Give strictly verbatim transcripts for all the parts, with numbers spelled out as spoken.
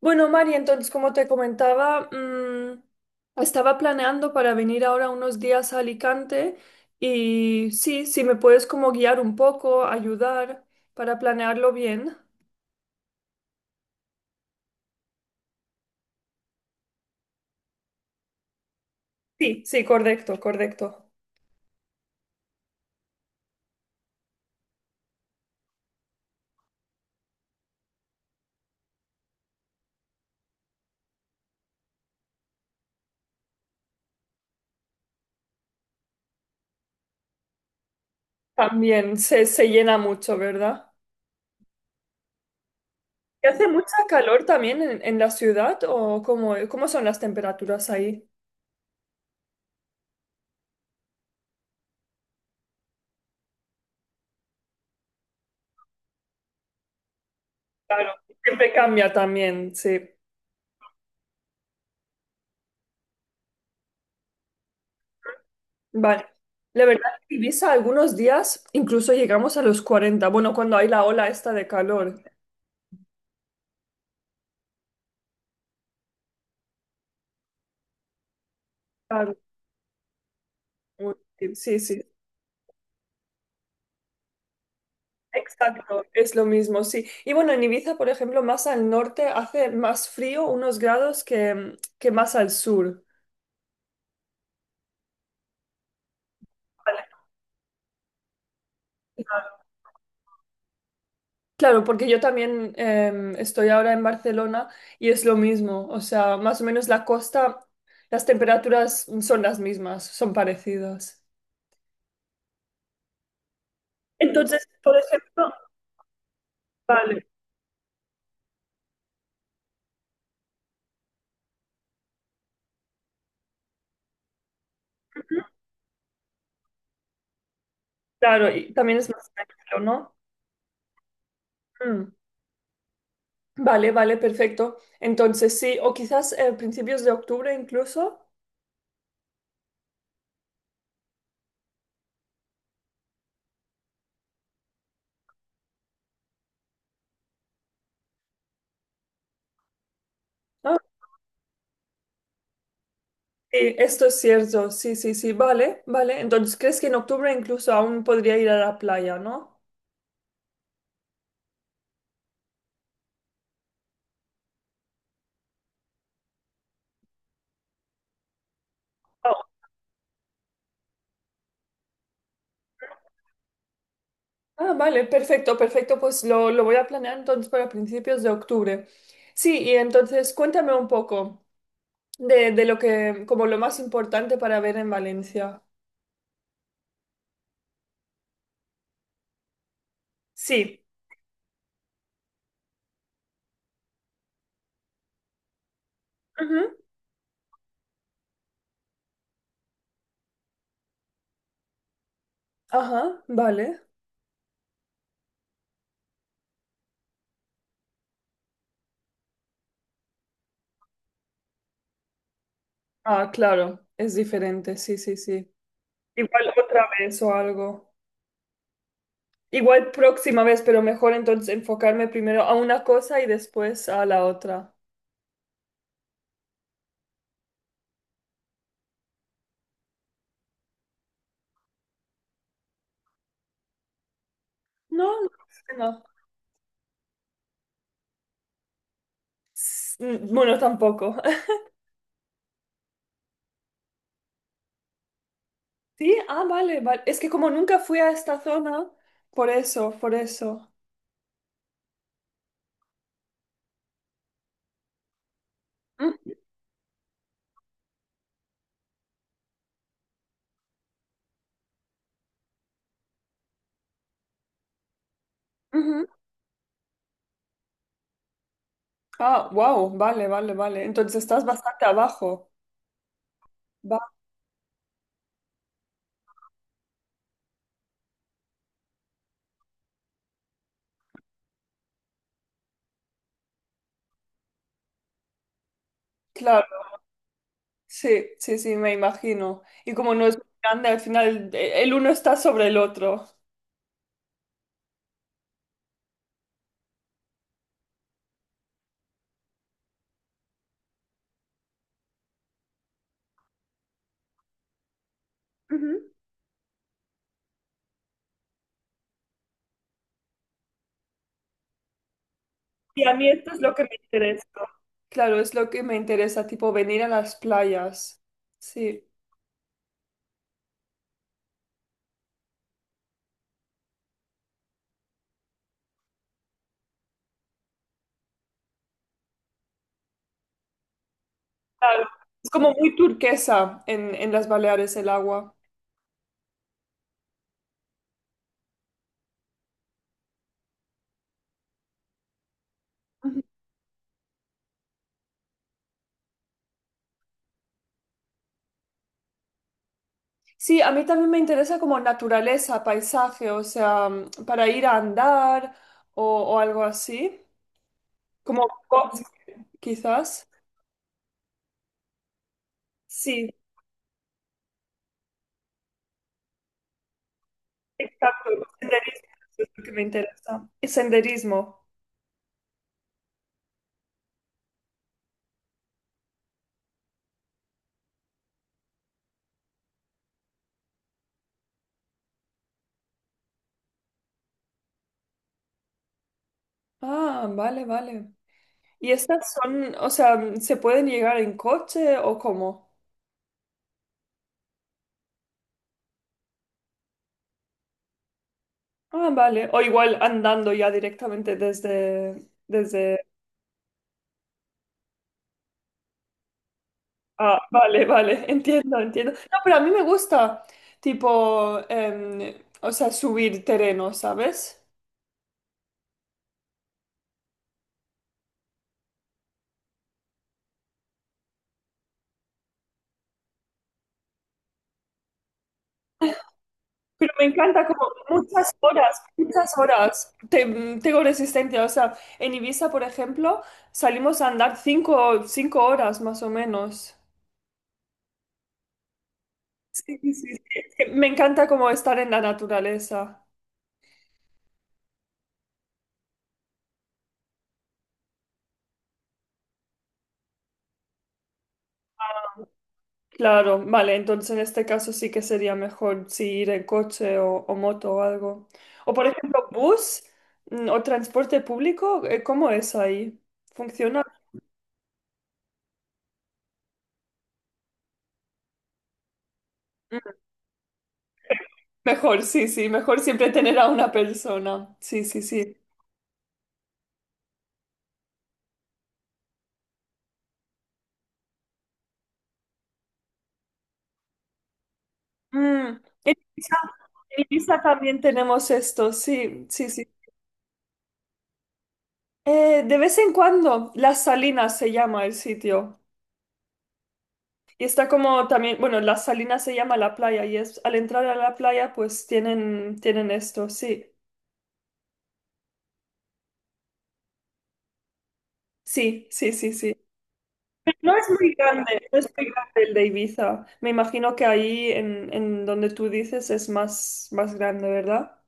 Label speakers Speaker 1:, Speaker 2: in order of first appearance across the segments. Speaker 1: Bueno, María. entonces, como te comentaba, mm, estaba planeando para venir ahora unos días a Alicante y sí, si me puedes como guiar un poco, ayudar para planearlo bien. Sí, sí, correcto, correcto. También se, se llena mucho, ¿verdad? ¿Y hace mucha calor también en, en la ciudad o cómo, cómo son las temperaturas ahí? Claro, siempre cambia también, sí. Vale. La verdad es que Ibiza algunos días incluso llegamos a los cuarenta. Bueno, cuando hay la ola esta de calor. Claro. Uy. Sí, sí. Exacto, es lo mismo, sí. Y bueno, en Ibiza, por ejemplo, más al norte hace más frío unos grados que, que más al sur. Vale. Claro. Claro, porque yo también em, estoy ahora en Barcelona y es lo mismo. O sea, más o menos la costa, las temperaturas son las mismas, son parecidas. Entonces, por ejemplo, vale. Claro, y también es más tranquilo, ¿no? Mm. Vale, vale, perfecto. Entonces sí, o quizás eh, principios de octubre incluso. Ah, sí, esto es cierto, sí, sí, sí, vale, vale. Entonces, ¿crees que en octubre incluso aún podría ir a la playa, ¿no? Oh. Ah, vale, perfecto, perfecto. Pues lo, lo voy a planear entonces para principios de octubre. Sí, y entonces cuéntame un poco de, de lo que, como lo más importante para ver en Valencia. Sí. Ujú. Ajá, vale. Ah, claro, es diferente, sí, sí, sí. Igual otra vez o algo. Igual próxima vez, pero mejor entonces enfocarme primero a una cosa y después a la otra. No, no, no. S- mm, Bueno, tampoco. Sí, ah, vale, vale. Es que como nunca fui a esta zona, por eso, por eso. Mm, ujú. Ah, wow, vale, vale, vale. Entonces estás bastante abajo. Va, claro. Sí, sí, sí, me imagino. Y como no es muy grande, al final eh, el uno está sobre el otro. Y a mí esto es lo que me interesa. Claro, es lo que me interesa, tipo venir a las playas. Sí, claro. Es como muy turquesa en, en las Baleares el agua. Ujú. Sí, a mí también me interesa como naturaleza, paisaje, o sea, mm, para ir a andar o, o algo así. Como bosque, quizás. Sí, exacto. Senderismo es lo que me interesa. Y senderismo. Ah, vale, vale. ¿Y estas son, o sea, se pueden llegar en coche o cómo? Ah, vale. O igual andando ya directamente desde, desde... Ah, vale, vale, entiendo, entiendo. No, pero a mí me gusta, tipo, em, o sea, subir terreno, ¿sabes? Pero me encanta como muchas horas, muchas horas. Te- tengo resistencia, o sea, en Ibiza, por ejemplo, salimos a andar cinco, cinco horas más o menos. Sí, sí, sí. Es que Me encanta como estar en la naturaleza. Claro, vale, entonces en este caso sí que sería mejor si ir en coche o, o moto o algo. O por ejemplo, bus, mm, o transporte público, eh, ¿cómo es ahí? ¿Funciona? Mm, mejor, sí, sí, mejor siempre tener a una persona. Sí, sí, sí. Mm, en Ibiza, en Ibiza también tenemos esto, sí, sí, sí. Eh, de vez en cuando, Las Salinas se llama el sitio. Y está como también, bueno, Las Salinas se llama la playa y es al entrar a la playa pues tienen, tienen esto, sí. Sí, sí, sí, sí. No es muy grande, no es muy grande el de Ibiza. Me imagino que ahí en, en donde tú dices es más, más grande, ¿verdad?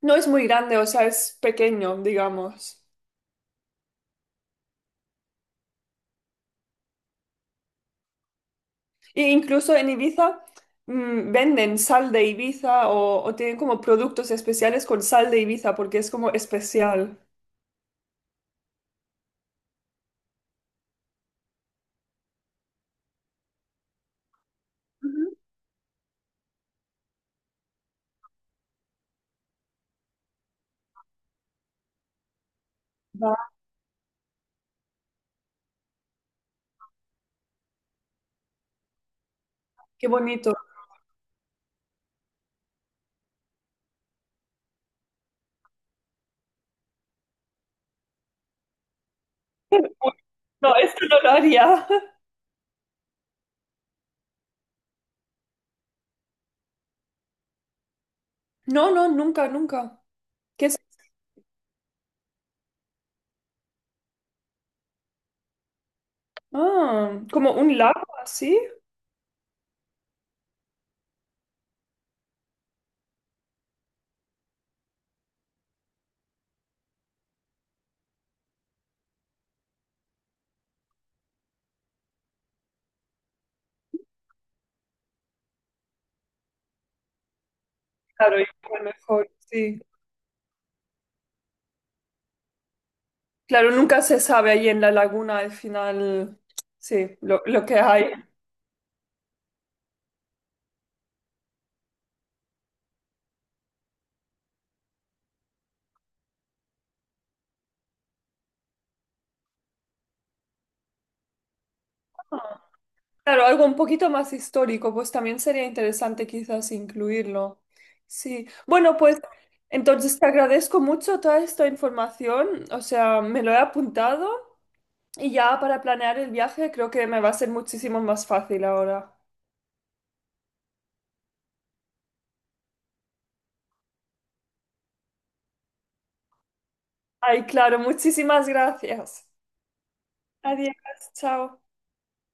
Speaker 1: No es muy grande, o sea, es pequeño, digamos. E incluso en Ibiza mm, venden sal de Ibiza o, o tienen como productos especiales con sal de Ibiza porque es como especial. Ujú. Va. Qué bonito. No, esto no lo haría. No, no, nunca, nunca. ¿Qué es? Ah, como un lago así. Claro, igual mejor, sí. Claro, nunca se sabe ahí en la laguna al final, sí, lo, lo que hay. Claro, algo un poquito más histórico, pues también sería interesante quizás incluirlo. Sí, bueno, pues entonces te agradezco mucho toda esta información, o sea, me lo he apuntado y ya para planear el viaje creo que me va a ser muchísimo más fácil ahora. Ay, claro, muchísimas gracias. Adiós, chao.